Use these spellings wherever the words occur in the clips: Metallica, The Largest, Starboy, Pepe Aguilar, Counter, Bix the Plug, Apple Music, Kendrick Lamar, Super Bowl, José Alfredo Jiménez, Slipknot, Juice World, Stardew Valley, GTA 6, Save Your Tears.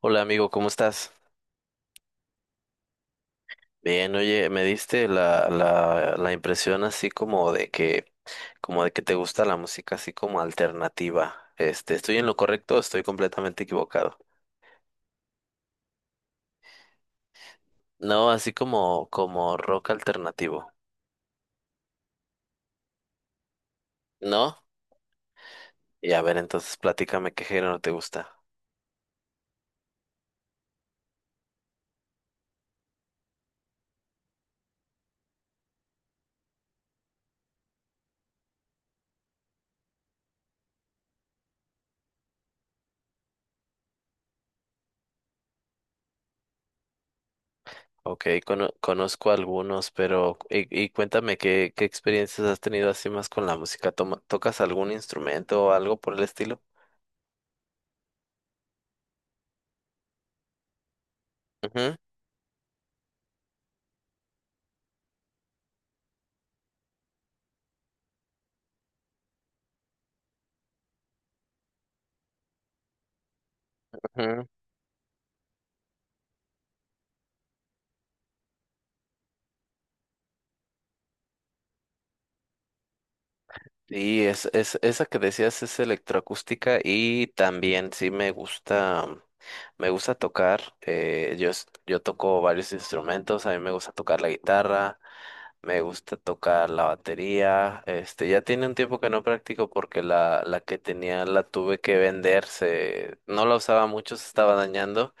Hola amigo, ¿cómo estás? Bien, oye, me diste la impresión así como de que te gusta la música así como alternativa. ¿Estoy en lo correcto o estoy completamente equivocado? No, así como, como rock alternativo. ¿No? Y a ver, entonces platícame qué género te gusta. Ok, conozco algunos, pero y cuéntame qué experiencias has tenido así más con la música. ¿Tocas algún instrumento o algo por el estilo? Ujú, ujú. Sí, esa que decías es electroacústica y también sí me gusta, me gusta tocar. Yo toco varios instrumentos, a mí me gusta tocar la guitarra, me gusta tocar la batería. Ya tiene un tiempo que no practico porque la que tenía la tuve que vender, se, no la usaba mucho, se estaba dañando.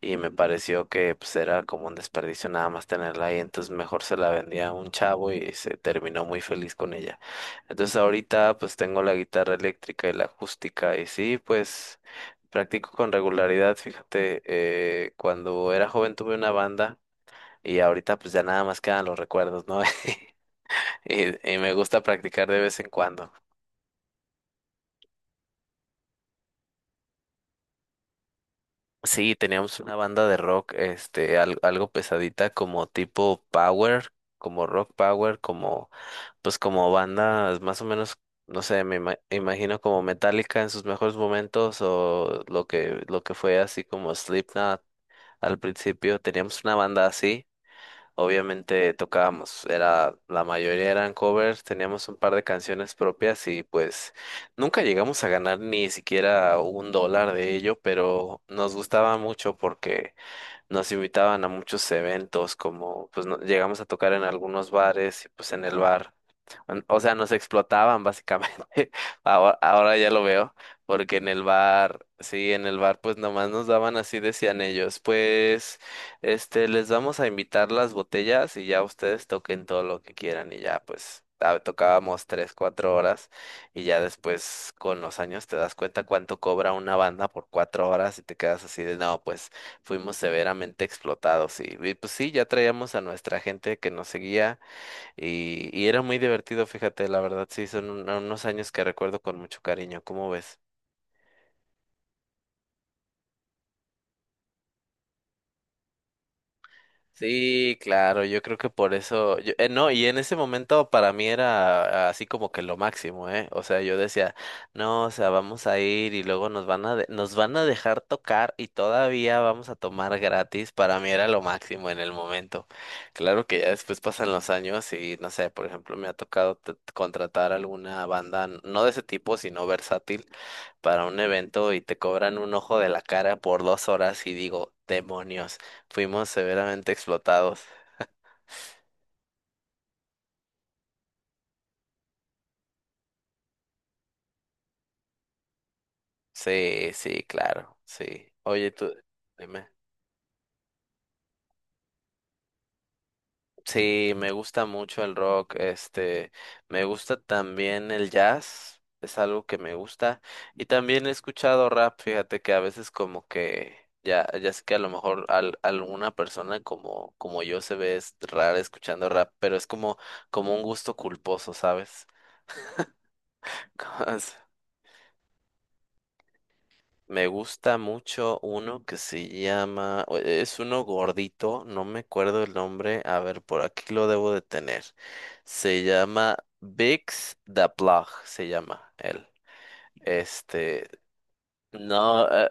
Y me pareció que pues era como un desperdicio nada más tenerla ahí, entonces mejor se la vendía a un chavo y se terminó muy feliz con ella. Entonces ahorita pues tengo la guitarra eléctrica y la acústica y sí, pues practico con regularidad, fíjate, cuando era joven tuve una banda y ahorita pues ya nada más quedan los recuerdos, ¿no? Y, y me gusta practicar de vez en cuando. Sí, teníamos una banda de rock, algo pesadita como tipo power, como rock power, como pues como bandas más o menos, no sé, imagino como Metallica en sus mejores momentos o lo lo que fue así como Slipknot al principio, teníamos una banda así, obviamente tocábamos, era, la mayoría eran covers, teníamos un par de canciones propias y pues nunca llegamos a ganar ni siquiera un dólar de ello, pero nos gustaba mucho porque nos invitaban a muchos eventos, como pues llegamos a tocar en algunos bares y pues en el bar. O sea, nos explotaban básicamente. Ahora, ahora ya lo veo, porque en el bar, sí, en el bar pues nomás nos daban así, decían ellos, pues les vamos a invitar las botellas y ya ustedes toquen todo lo que quieran y ya pues tocábamos tres, cuatro horas y ya después con los años te das cuenta cuánto cobra una banda por cuatro horas y te quedas así de no, pues fuimos severamente explotados y, pues sí, ya traíamos a nuestra gente que nos seguía y era muy divertido, fíjate, la verdad, sí, son unos años que recuerdo con mucho cariño, ¿cómo ves? Sí, claro, yo creo que por eso, no, y en ese momento para mí era así como que lo máximo, ¿eh? O sea, yo decía, no, o sea, vamos a ir y luego nos van nos van a dejar tocar y todavía vamos a tomar gratis, para mí era lo máximo en el momento. Claro que ya después pasan los años y, no sé, por ejemplo, me ha tocado contratar alguna banda, no de ese tipo, sino versátil para un evento y te cobran un ojo de la cara por dos horas y digo, demonios, fuimos severamente explotados. Sí, sí, claro, sí. Oye, tú, dime. Sí, me gusta mucho el rock, me gusta también el jazz, es algo que me gusta. Y también he escuchado rap, fíjate que a veces como que ya, ya sé que a lo mejor alguna persona como, como yo se ve es rara escuchando rap, pero es como, como un gusto culposo, ¿sabes? Me gusta mucho uno que se llama, es uno gordito, no me acuerdo el nombre, a ver, por aquí lo debo de tener. Se llama Bix the Plug, se llama él. Este, no, eh,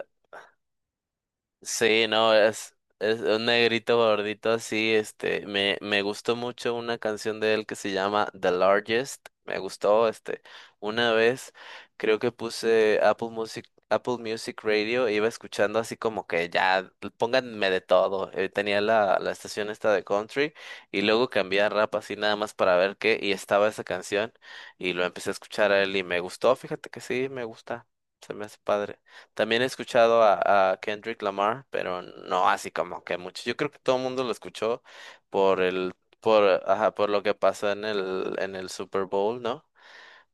Sí, no, es un negrito gordito así, me, me gustó mucho una canción de él que se llama The Largest, me gustó, una vez creo que puse Apple Music, Apple Music Radio, iba escuchando así como que ya, pónganme de todo, tenía la estación esta de country y luego cambié a rap así nada más para ver qué y estaba esa canción y lo empecé a escuchar a él y me gustó, fíjate que sí, me gusta, se me hace padre. También he escuchado a Kendrick Lamar, pero no así como que mucho. Yo creo que todo el mundo lo escuchó por ajá, por lo que pasó en en el Super Bowl, ¿no?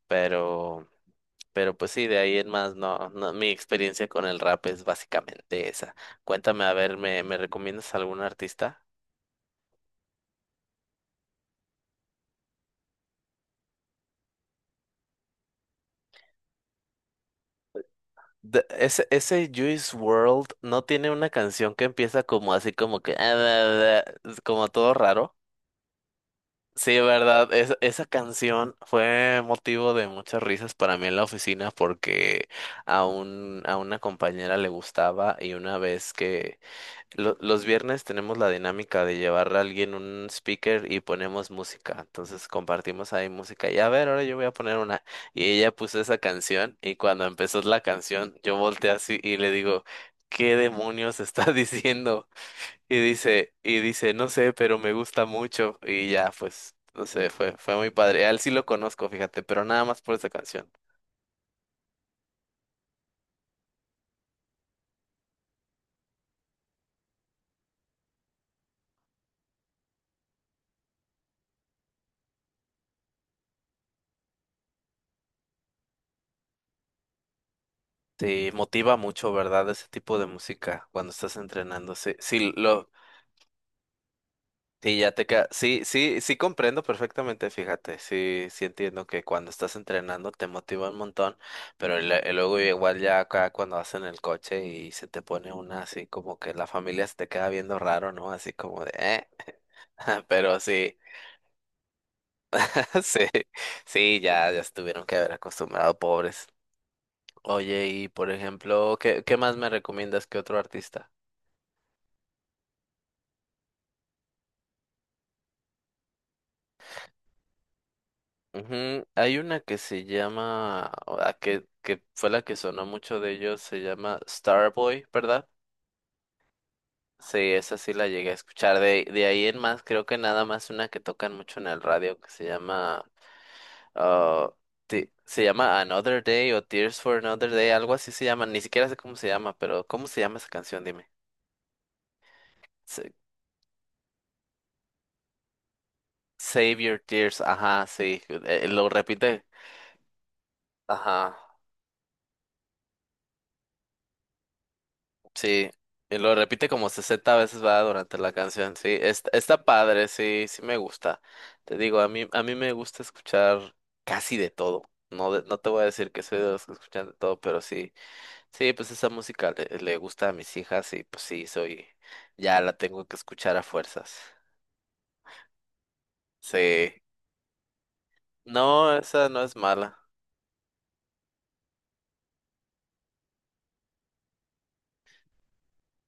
Pero, pero pues sí, de ahí en más, no, no, mi experiencia con el rap es básicamente esa. Cuéntame, a ver, me recomiendas algún artista? Ese, ese Juice World no tiene una canción que empieza como así como que, como todo raro. Sí, verdad, esa canción fue motivo de muchas risas para mí en la oficina porque a una compañera le gustaba y una vez que los viernes tenemos la dinámica de llevar a alguien un speaker y ponemos música, entonces compartimos ahí música y a ver, ahora yo voy a poner una y ella puso esa canción y cuando empezó la canción yo volteé así y le digo, ¿qué demonios está diciendo? Y dice, no sé, pero me gusta mucho. Y ya, pues, no sé, fue muy padre. A él sí lo conozco, fíjate, pero nada más por esa canción. Sí, motiva mucho, ¿verdad? Ese tipo de música cuando estás entrenando. Sí, sí, sí, sí, sí, sí comprendo perfectamente, fíjate. Sí, sí entiendo que cuando estás entrenando te motiva un montón, pero luego igual ya acá cuando vas en el coche y se te pone una así como que la familia se te queda viendo raro, ¿no? Así como de, pero sí. Sí, sí, ya, ya se tuvieron que haber acostumbrado, pobres. Oye, y por ejemplo, qué más me recomiendas que otro artista? Ujú, hay una que se llama, que fue la que sonó mucho de ellos, se llama Starboy, ¿verdad? Sí, esa sí la llegué a escuchar. De ahí en más, creo que nada más una que tocan mucho en el radio que se llama, ah, se llama Another Day o Tears for Another Day, algo así se llama. Ni siquiera sé cómo se llama, pero ¿cómo se llama esa canción? Dime. Save Your Tears, ajá, sí, lo repite, ajá, sí, y lo repite como 60 veces va durante la canción, sí, está, está padre, sí, sí me gusta. Te digo, a mí me gusta escuchar casi de todo. No, no te voy a decir que soy de los que escuchan de todo, pero sí, sí, pues esa música le gusta a mis hijas y pues sí, soy, ya la tengo que escuchar a fuerzas. Sí, no, esa no es mala.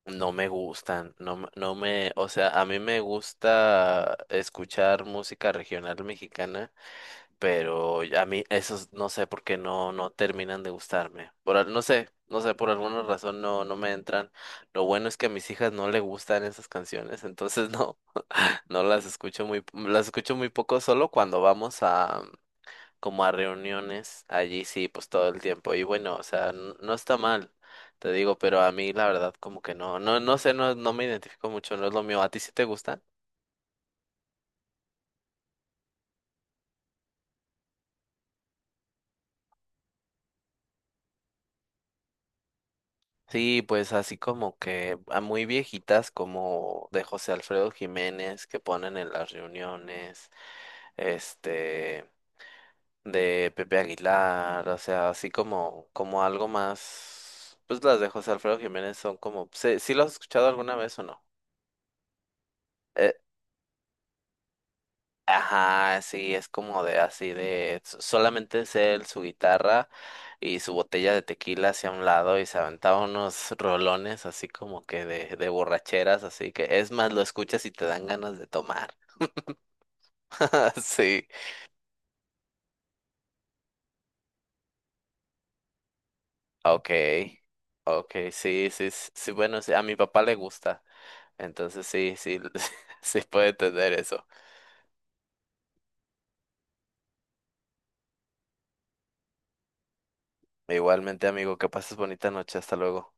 No me gustan, no, me- no me, o sea, a mí me gusta escuchar música regional mexicana, pero a mí esos no sé por qué no, no terminan de gustarme. No sé, no sé, por alguna razón no, no me entran. Lo bueno es que a mis hijas no le gustan esas canciones, entonces no, no las escucho muy, las escucho muy poco, solo cuando vamos como a reuniones allí sí, pues todo el tiempo. Y bueno, o sea, no está mal, te digo, pero a mí la verdad como que no, no, no sé, no, no me identifico mucho, no es lo mío. ¿A ti sí te gustan? Sí, pues así como que a muy viejitas como de José Alfredo Jiménez que ponen en las reuniones, este, de Pepe Aguilar, o sea, así como, como algo más, pues las de José Alfredo Jiménez son como, ¿sí, sí lo has escuchado alguna vez o no? Ajá, sí, es como de así de solamente es él, su guitarra y su botella de tequila hacia un lado y se aventaba unos rolones así como que de borracheras, así que es más, lo escuchas y te dan ganas de tomar. Sí, okay, okay, sí, sí, bueno, sí, a mi papá le gusta, entonces sí, sí, sí puede tener eso. Igualmente, amigo, que pases bonita noche, hasta luego.